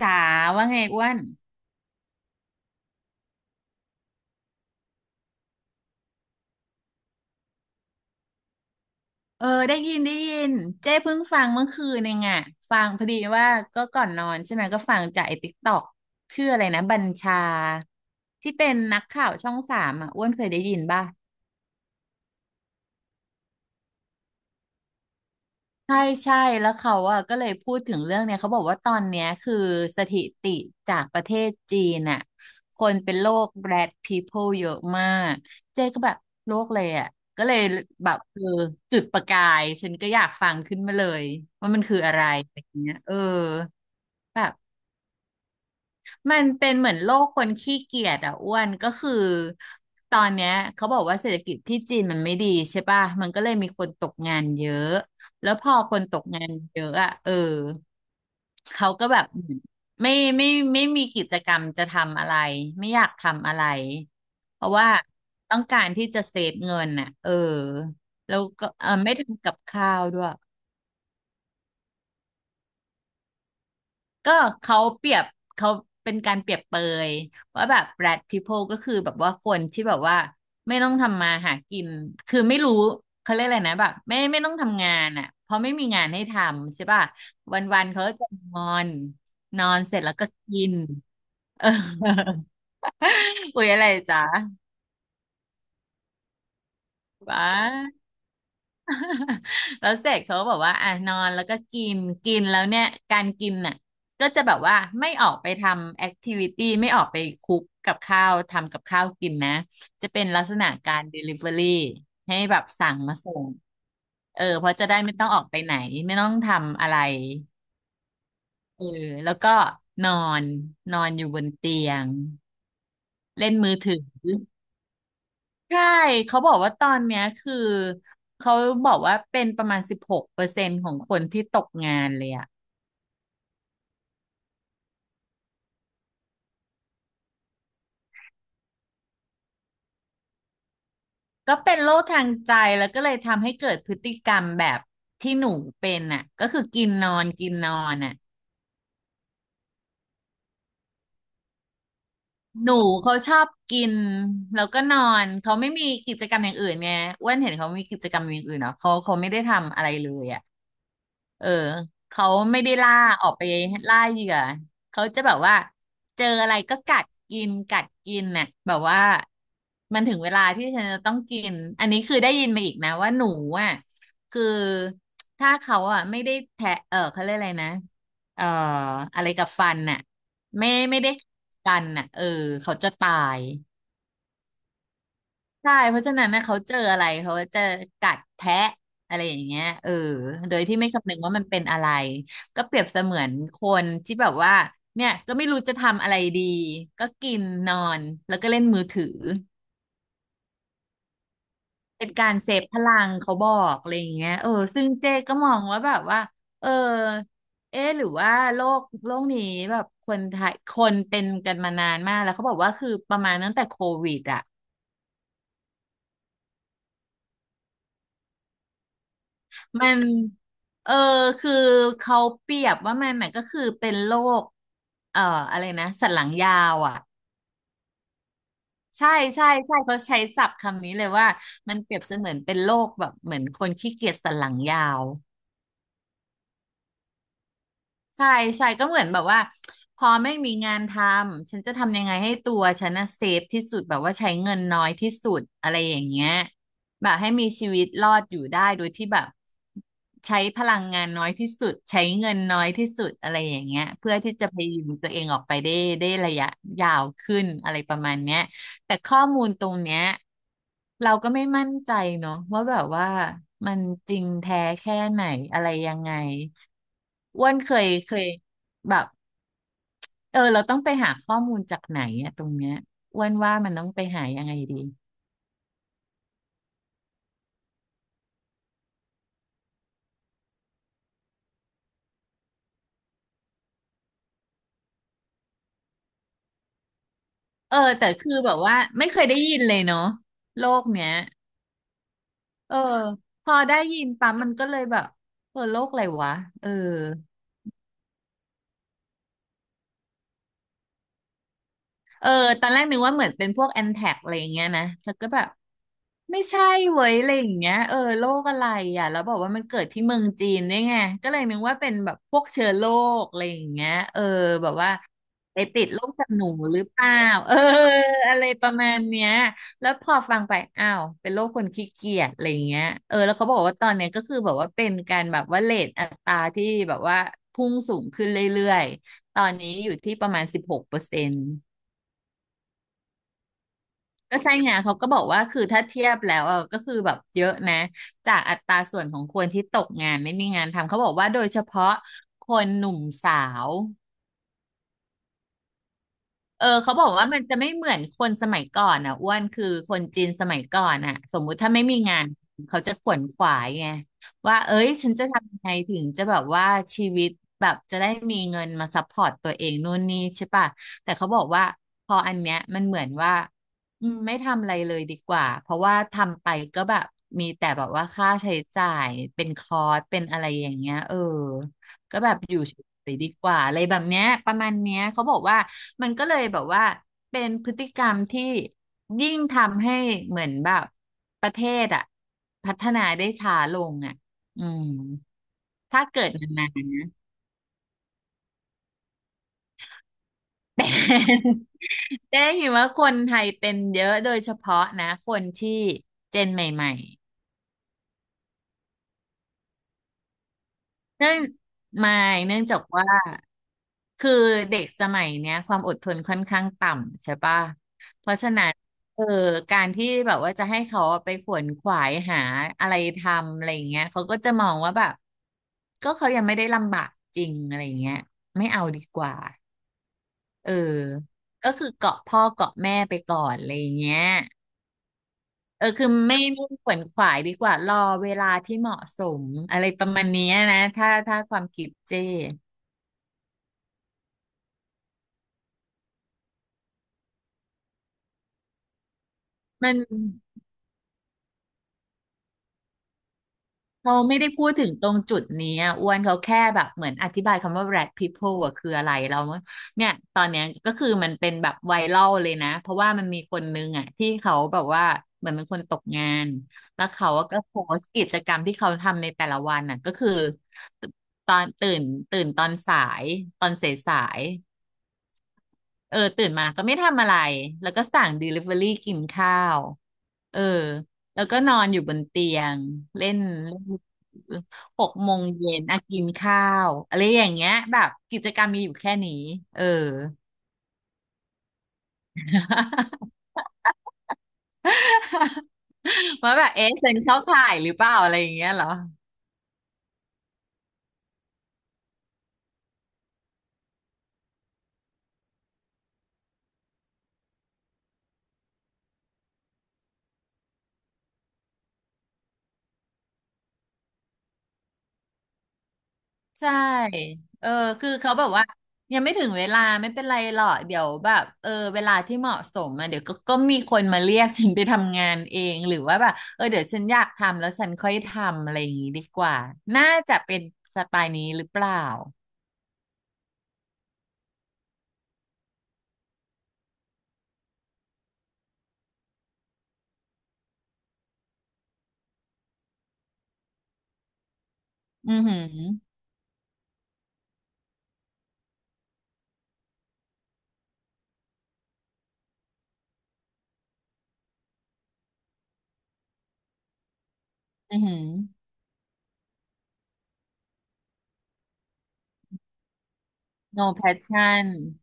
จ๋าว่าไงอ้วนเออได้ยินได้ยินเจ้เพิ่งฟังเมื่อคืนเองอ่ะฟังพอดีว่าก็ก่อนนอนใช่ไหมก็ฟังจากไอ้ติ๊กตอกชื่ออะไรนะบัญชาที่เป็นนักข่าวช่องสามอ่ะอ้วนเคยได้ยินป่ะ ใช่ใช่แล้วเขาอ่ะก็เลยพูดถึงเรื่องเนี่ยเขาบอกว่าตอนเนี้ยคือสถิติจากประเทศจีนอ่ะคนเป็นโรค Rat People เยอะมากเจ๊ก็แบบโรคเลยอ่ะก็เลยแบบเออจุดประกายฉันก็อยากฟังขึ้นมาเลยว่ามันคืออะไรอะไรอย่างเงี้ยเออแบบ มันเป็นเหมือนโลกคนขี้เกียจอ่ะอ้วนก็คือตอนเนี้ยเขาบอกว่าเศรษฐกิจที่จีนมันไม่ดีใช่ป่ะมันก็เลยมีคนตกงานเยอะแล้วพอคนตกงานเยอะอ่ะเออเขาก็แบบเหมือนไม่ไม่ไม่ไมมีกิจกรรมจะทำอะไรไม่อยากทำอะไรเพราะว่าต้องการที่จะเซฟเงินน่ะเออแล้วก็เออไม่ทำกับข้าวด้วย ก็เขาเปรียบเขาเป็นการเปรียบเปยว่าแบบ rat people ก็คือแบบว่าคนที่แบบว่าไม่ต้องทำมาหากินคือไม่รู้เขาเรียกอะไรนะแบบไม่ต้องทำงานอ่ะเพราะไม่มีงานให้ทำใช่ป่ะวันๆเขาก็จะนอนนอนเสร็จแล้วก็กิน เออ อุ๊ยอะไรจ๊ะว้า แล้วเสร็จเขาบอกว่าอ่ะนอนแล้วก็กินกินแล้วเนี่ยการกินน่ะก็จะแบบว่าไม่ออกไปทำแอคทิวิตี้ไม่ออกไปคุกกับข้าวทำกับข้าวกินนะจะเป็นลักษณะการ Delivery ให้แบบสั่งมาส่งเออเพราะจะได้ไม่ต้องออกไปไหนไม่ต้องทำอะไรเออแล้วก็นอนนอนอยู่บนเตียงเล่นมือถือใช่เขาบอกว่าตอนเนี้ยคือเขาบอกว่าเป็นประมาณ16%ของคนที่ตกงานเลยอะ ก็เป็นโรคทางใจแล้วก็เลยทำให้เกิดพฤติกรรมแบบที่หนูเป็นน่ะก็คือกินนอนกินนอนน่ะ หนูเขาชอบกินแล้วก็นอนเขาไม่มีกิจกรรมอย่างอื่นไงอ้วนเห็นเขามีกิจกรรมอย่างอื่นเนาะเขาเขาไม่ได้ทำอะไรเลยอ่ะเออเขาไม่ได้ล่าออกไปล่าเหยื่อเขาจะแบบว่าเจออะไรก็กัดกินกัดกินน่ะแบบว่ามันถึงเวลาที่ฉันจะต้องกินอันนี้คือได้ยินมาอีกนะว่าหนูอ่ะคือถ้าเขาอ่ะไม่ได้แทะเออเขาเรียกอะไรนะเอ่ออะไรกับฟันน่ะ ไม่ได้กันน่ะเออเขาจะตายใช่เพราะฉะนั้นนะเขาเจออะไรเขาจะกัดแทะอะไรอย่างเงี้ยเออโดยที่ไม่คำนึงว่ามันเป็นอะไรก็เปรียบเสมือนคนที่แบบว่าเนี่ยก็ไม่รู้จะทำอะไรดีก็กินนอนแล้วก็เล่นมือถือ เป็นการเซฟพลังเขาบอกอะไรอย่างเงี้ยเออซึ่งเจ๊ก็มองว่าแบบว่าเออเอ๊ะหรือว่าโลกโลกนี้แบบคนไทยคนเป็นกันมานานมากแล้วเขาบอกว่าคือประมาณตั้งแต่โควิดอ่ะมันเออคือเขาเปรียบว่ามันน่ะก็คือเป็นโรคเอ่ออะไรนะสันหลังยาวอ่ะใช่ใช่เขาใช้ศัพท์คำนี้เลยว่ามันเปรียบเสมือนเป็นโรคแบบเหมือนคนขี้เกียจสันหลังยาว ใช่ใช่ก็เหมือนแบบว่าพอไม่มีงานทำฉันจะทำยังไงให้ตัวฉันนะเซฟที่สุดแบบว่าใช้เงินน้อยที่สุดอะไรอย่างเงี้ยแบบให้มีชีวิตรอดอยู่ได้โดยที่แบบใช้พลังงานน้อยที่สุดใช้เงินน้อยที่สุดอะไรอย่างเงี้ยเพื่อที่จะพยุงตัวเองออกไปได้ได้ระยะยาวขึ้นอะไรประมาณเนี้ยแต่ข้อมูลตรงเนี้ยเราก็ไม่มั่นใจเนาะว่าแบบว่ามันจริงแท้แค่ไหนอะไรยังไง อ้วนเคยแบบเออเราต้องไปหาข้อมูลจากไหนอะตรงเนี้ยอ้วนว่ามันต้องไปหายังไงดีเออแต่คือแบบว่าไม่เคยได้ยินเลยเนาะโลกเนี้ยเออพอได้ยินปั๊มมันก็เลยแบบเออโลกอะไรวะเออเออตอนแรกนึกว่าเหมือนเป็นพวกแอนแท็กอะไรอย่างเงี้ยนะแล้วก็แบบ ไม่ใช่เว้ยอะไรอย่างเงี้ยเออโรคอะไรอ่ะแล้วบอกว่ามันเกิดที่เมืองจีนด้วยไงก็เลยนึกว่าเป็นแบบพวกเชื้อโรคอะไรอย่างเงี้ยเออแบบว่าไปติดโรคจากหนูหรือเปล่าเอออะไรประมาณเนี้ยแล้วพอฟังไปอ้าวเป็นโรคคนขี้เกียจอะไรอย่างเงี้ยเออแล้วเขาบอกว่าตอนเนี้ยก็คือแบบว่าเป็นการแบบว่าเรทอัตราที่แบบว่าพุ่งสูงขึ้นเรื่อยๆตอนนี้อยู่ที่ประมาณ16% ก็ใช่ไงเขาก็บอกว่าคือถ้าเทียบแล้วอ่ะก็คือแบบเยอะนะจากอัตราส่วนของคนที่ตกงานไม่มีงานทำเขาบอกว่าโดยเฉพาะคนหนุ่มสาว เออเขาบอกว่ามันจะไม่เหมือนคนสมัยก่อนอ่ะอ้วนคือคนจีนสมัยก่อนอ่ะสมมุติถ้าไม่มีงานเขาจะขวนขวายไงว่าเอ้ยฉันจะทำยังไงถึงจะแบบว่าชีวิตแบบจะได้มีเงินมาซัพพอร์ตตัวเองนู่นนี่ใช่ป่ะแต่เขาบอกว่าพออันเนี้ยมันเหมือนว่าอืมไม่ทำอะไรเลยดีกว่าเพราะว่าทำไปก็แบบมีแต่แบบว่าค่าใช้จ่ายเป็นคอร์สเป็นอะไรอย่างเงี้ยเออ ก็แบบอยู่เฉยๆดีกว่าอะไรแบบเนี้ยประมาณเนี้ยเขาบอกว่ามันก็เลยแบบว่าเป็นพฤติกรรมที่ยิ่งทำให้เหมือนแบบประเทศอ่ะพัฒนาได้ช้าลงอ่ะอืมถ้าเกิดนานๆ แต่ เเห็นว่าคนไทยเป็นเยอะโดยเฉพาะนะคนที่เจนใหม่ๆ เนื่องไม่เนื่องจากว่าคือเด็กสมัยเนี้ยความอดทนค่อนข้างต่ำใช่ปะเพราะฉะนั้นเออการที่แบบว่าจะให้เขาไปขวนขวายหาอะไรทำอะไรอย่างเงี้ยเขาก็จะมองว่าแบบก็เขายังไม่ได้ลำบากจริงอะไรอย่างเงี้ยไม่เอาดีกว่าเออก็คือเกาะพ่อเกาะแม่ไปก่อนอะไรอย่างเงี้ยเออคือไม่ขวนขวายดีกว่ารอเวลาที่เหมาะสมอะไรประมาณเนี้ยนะถ้าความคิดเจ้ มันเขาไม่ได้พูดถึงตรงจุดนี้อะอ้วนเขาแค่แบบเหมือนอธิบายคำว่า rat people อะคืออะไรเราเนี่ยตอนเนี้ยก็คือมันเป็นแบบไวรัลเลยนะเพราะว่ามันมีคนนึงอ่ะที่เขาแบบว่าเหมือนเป็นคนตกงานแล้วเขาก็โพสต์กิจกรรมที่เขาทำในแต่ละวันอะก็คือตอนตื่นตื่นตอนสายตอนสายสาย เออตื่นมาก็ไม่ทำอะไรแล้วก็สั่ง Delivery กินข้าวเออแล้วก็นอนอยู่บนเตียงเล่นเล่นหกโมงเย็นอ่ะกินข้าวอะไรอย่างเงี้ยแบบกิจกรรมมีอยู่แค่นี้เออ ว่าแบบเอ๊ะฉันเข้าข่ายหรือเปล่าอะไรอย่างเงี้ยเหรอ ใช่เออคือเขาแบบว่ายังไม่ถึงเวลาไม่เป็นไรหรอกเดี๋ยวแบบเออเวลาที่เหมาะสมอ่ะเดี๋ยวก็มีคนมาเรียกฉันไปทำงานเองหรือว่าแบบเออเดี๋ยวฉันอยากทำแล้วฉันค่อยทำอะไรอย่างงี้ดีกว่าน่าจะเป็นสไตล์นี้หรือเปล่า อือหืออือหือ no passion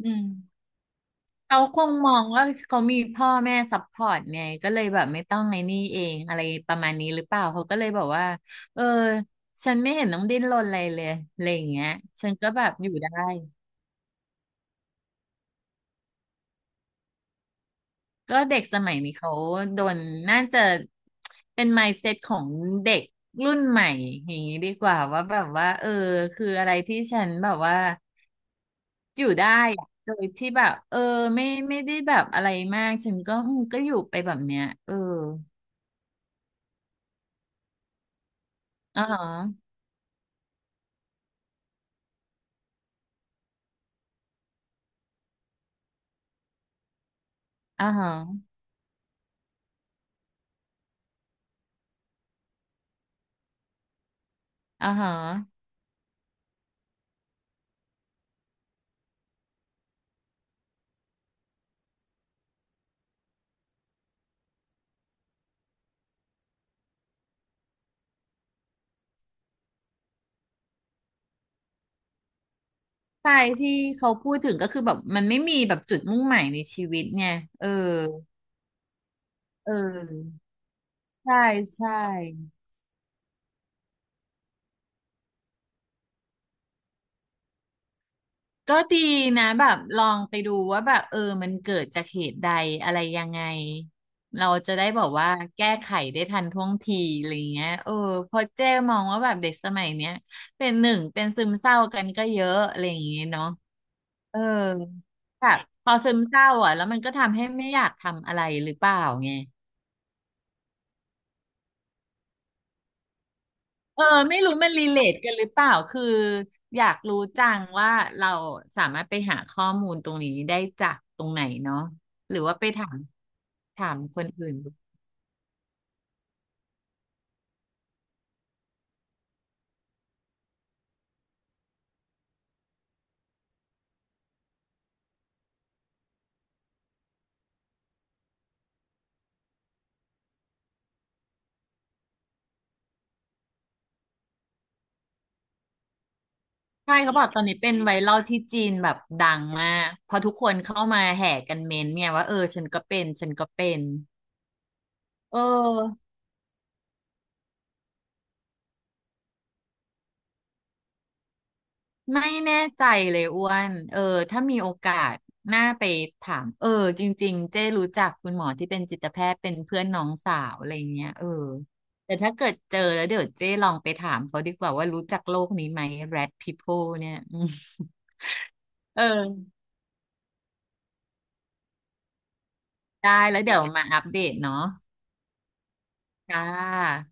อืม เขาคงมองว่าเขามีพ่อแม่ซัพพอร์ตไงก็เลยแบบไม่ต้องไอ้นี่เองอะไรประมาณนี้หรือเปล่าเขาก็เลยบอกว่าเออฉันไม่เห็นต้องดิ้นรนอะไรเลยอะไรอย่างเงี้ยฉันก็แบบอยู่ได้ก็เด็กสมัยนี้เขาโดนน่าจะเป็น mindset ของเด็กรุ่นใหม่อย่างนี้ดีกว่าว่าแบบว่าเออคืออะไรที่ฉันแบบว่าอยู่ได้อะโดยที่แบบเออไม่ได้แบบอะไรมากฉันก็อืมก็อยู่ไปแบบเนี้ยเอออ๋อ อ่าฮะอ่าฮะใช่ที่เขาพูดถึงก็คือแบบมันไม่มีแบบจุดมุ่งหมายในชีวิตไงเออ เออ ใช่ ใช่ ก็ดีนะแบบลองไปดูว่าแบบเออมันเกิดจากเหตุใดอะไรยังไง เราจะได้บอกว่าแก้ไขได้ทันท่วงทีอะไรเงี้ยเออเพราะเจ้มองว่าแบบเด็กสมัยเนี้ยเป็นซึมเศร้ากันก็เยอะอะไรอย่างเงี้ยเนาะเออ แบบพอซึมเศร้าอ่ะแล้วมันก็ทำให้ไม่อยากทำอะไรหรือเปล่าไง เออไม่รู้มันรีเลทกันหรือเปล่าคืออยากรู้จังว่าเราสามารถไปหาข้อมูลตรงนี้ได้จากตรงไหนเนาะหรือว่าไปถามถามคนอื่นดูใช่เขาบอกตอนนี้เป็นไวรัลที่จีนแบบดังมากเพอทุกคนเข้ามาแห่กันเม้นต์เนี่ยว่าเออฉันก็เป็นฉันก็เป็นเออ ไม่แน่ใจเลยอ้วนเออถ้ามีโอกาสน่าไปถามเออจริงๆเจ้รู้จักคุณหมอที่เป็นจิตแพทย์เป็นเพื่อนน้องสาวอะไรเงี้ยเออแต่ถ้าเกิดเจอแล้วเดี๋ยวเจ้ลองไปถามเขาดีกว่าว่ารู้จักโลกนี้ไหม Rat People เนี่ยอืม เออ ได้แล้วเดี๋ยวมาอัปเดตเนาะค่ะ